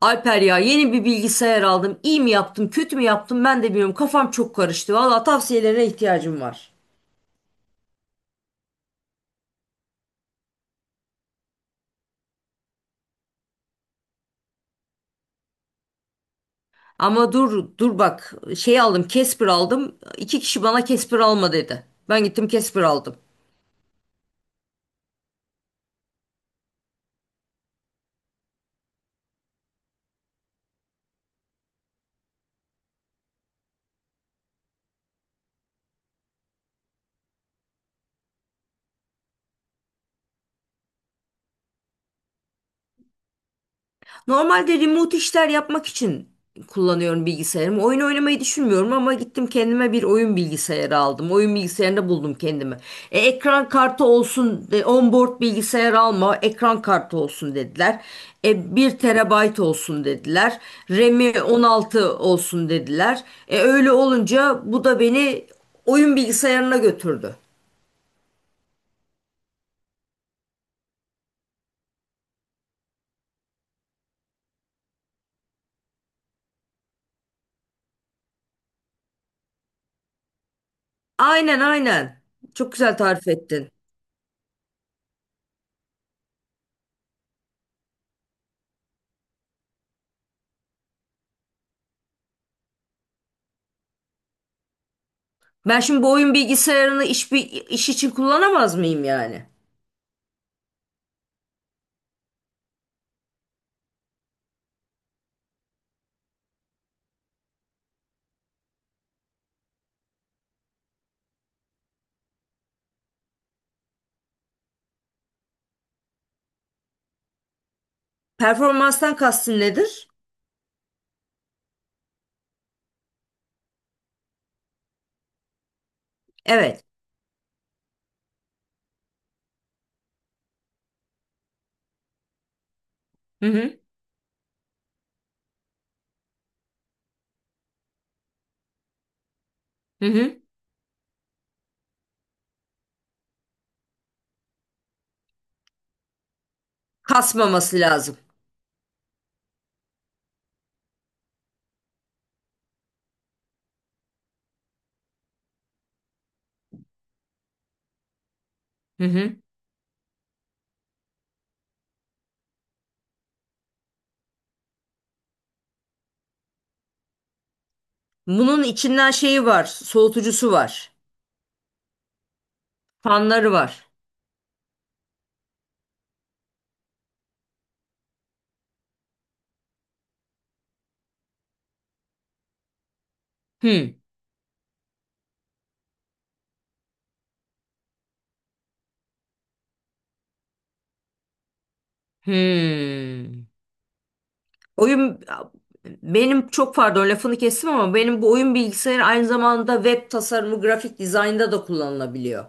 Alper ya, yeni bir bilgisayar aldım. İyi mi yaptım, kötü mü yaptım ben de bilmiyorum. Kafam çok karıştı. Valla tavsiyelerine ihtiyacım var. Ama dur bak, şey aldım, Casper aldım. İki kişi bana Casper alma dedi. Ben gittim Casper aldım. Normalde remote işler yapmak için kullanıyorum bilgisayarımı. Oyun oynamayı düşünmüyorum ama gittim kendime bir oyun bilgisayarı aldım. Oyun bilgisayarında buldum kendimi. Ekran kartı olsun, onboard bilgisayar alma, ekran kartı olsun dediler. Bir terabayt olsun dediler. RAM'i 16 olsun dediler. Öyle olunca bu da beni oyun bilgisayarına götürdü. Aynen, aynen. Çok güzel tarif ettin. Ben şimdi bu oyun bilgisayarını iş için kullanamaz mıyım yani? Performanstan kastın nedir? Evet. Hı hı. Hı hı. Kasmaması lazım. Hı hı. Bunun içinden şeyi var. Soğutucusu var. Fanları var. Hı. Hı. Oyun Benim, çok pardon, lafını kestim ama benim bu oyun bilgisayarı aynı zamanda web tasarımı, grafik dizaynda da kullanılabiliyor.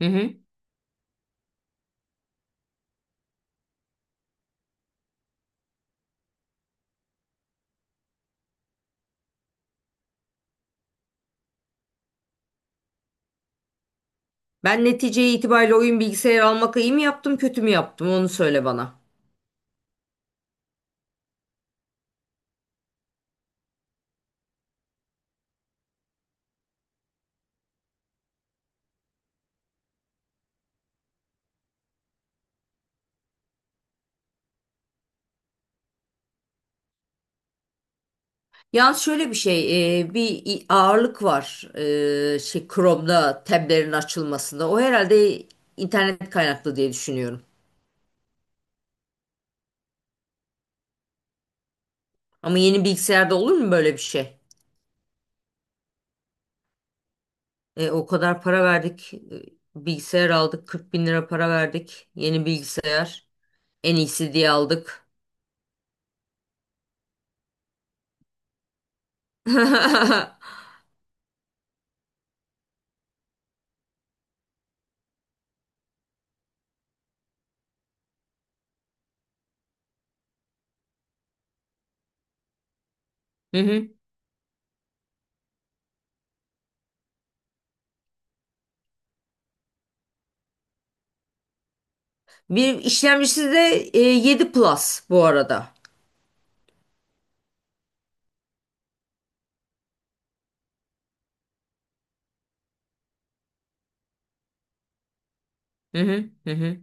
Hı hı. Ben neticeye itibariyle oyun bilgisayarı almak iyi mi yaptım, kötü mü yaptım onu söyle bana. Yalnız şöyle bir şey, bir ağırlık var, şey, Chrome'da tablerin açılmasında. O herhalde internet kaynaklı diye düşünüyorum. Ama yeni bilgisayarda olur mu böyle bir şey? O kadar para verdik, bilgisayar aldık, 40 bin lira para verdik, yeni bilgisayar, en iyisi diye aldık. Hı hı. Bir işlemcisi de 7 Plus bu arada. Hı hı, hı hı.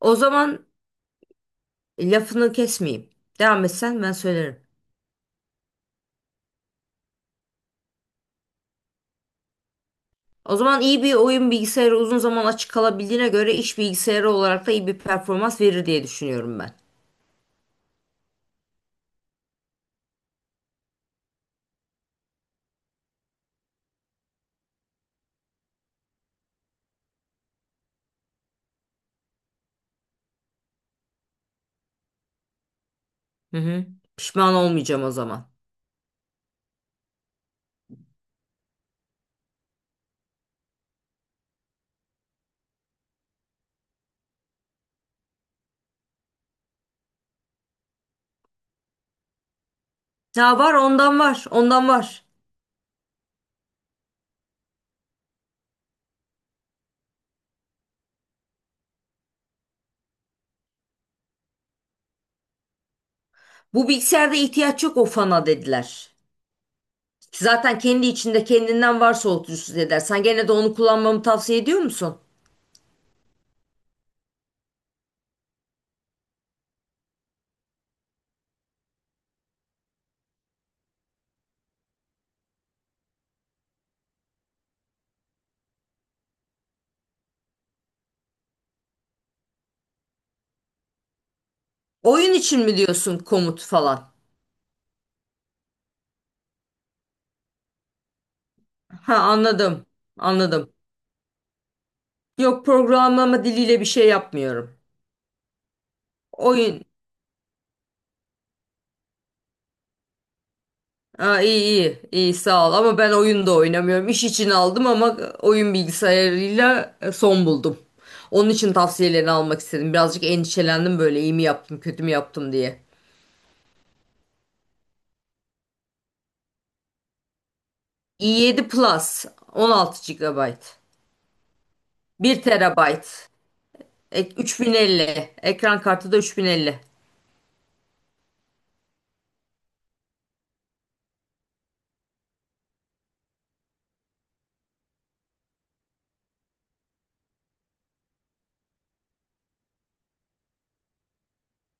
O zaman lafını kesmeyeyim. Devam etsen ben söylerim. O zaman iyi bir oyun bilgisayarı uzun zaman açık kalabildiğine göre iş bilgisayarı olarak da iyi bir performans verir diye düşünüyorum ben. Hı hı. Pişman olmayacağım o zaman. Ya, var ondan, var ondan, var. Bu bilgisayarda ihtiyaç yok o fana dediler. Zaten kendi içinde kendinden var soğutucusu dediler. Sen gene de onu kullanmamı tavsiye ediyor musun? Oyun için mi diyorsun, komut falan? Ha, anladım, anladım. Yok, programlama diliyle bir şey yapmıyorum. Oyun Aa, iyi, iyi, iyi, sağ ol, ama ben oyun da oynamıyorum. İş için aldım ama oyun bilgisayarıyla son buldum. Onun için tavsiyelerini almak istedim. Birazcık endişelendim, böyle iyi mi yaptım kötü mü yaptım diye. i7 Plus, 16 gigabayt, bir TB, 3050, ekran kartı da 3050.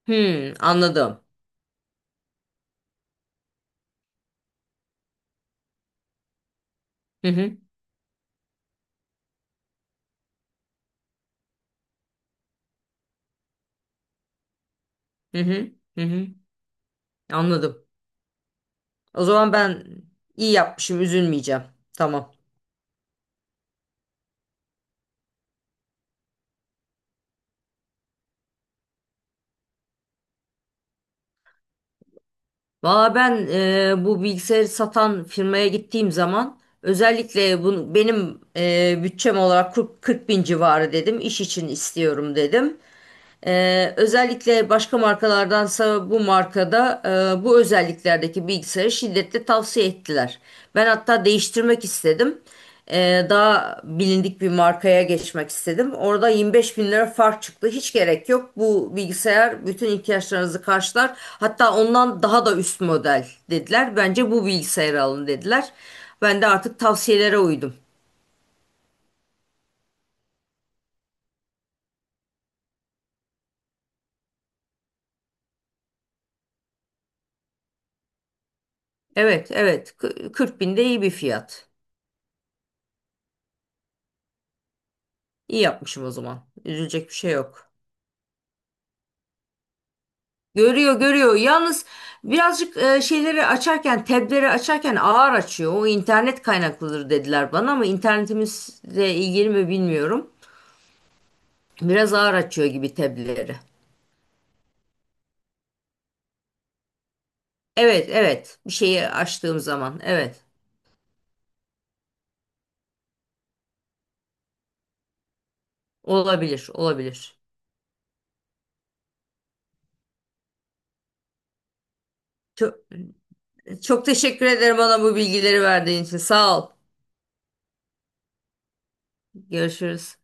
Hmm, anladım. Hı hı, hı hı, hı hı, anladım. O zaman ben iyi yapmışım, üzülmeyeceğim. Tamam. Valla ben, bu bilgisayarı satan firmaya gittiğim zaman özellikle bunu benim, bütçem olarak 40 bin civarı dedim. İş için istiyorum dedim. Özellikle başka markalardansa bu markada, bu özelliklerdeki bilgisayarı şiddetle tavsiye ettiler. Ben hatta değiştirmek istedim. Daha bilindik bir markaya geçmek istedim. Orada 25 bin lira fark çıktı. Hiç gerek yok. Bu bilgisayar bütün ihtiyaçlarınızı karşılar. Hatta ondan daha da üst model dediler. Bence bu bilgisayarı alın dediler. Ben de artık tavsiyelere uydum. Evet, evet. 40 bin de iyi bir fiyat. İyi yapmışım o zaman. Üzülecek bir şey yok. Görüyor, görüyor. Yalnız birazcık şeyleri açarken, tableri açarken ağır açıyor. O internet kaynaklıdır dediler bana ama internetimizle ilgili mi bilmiyorum. Biraz ağır açıyor gibi tableri. Evet, evet, bir şeyi açtığım zaman, evet, olabilir, olabilir. Çok, çok teşekkür ederim, bana bu bilgileri verdiğin için, sağ ol. Görüşürüz.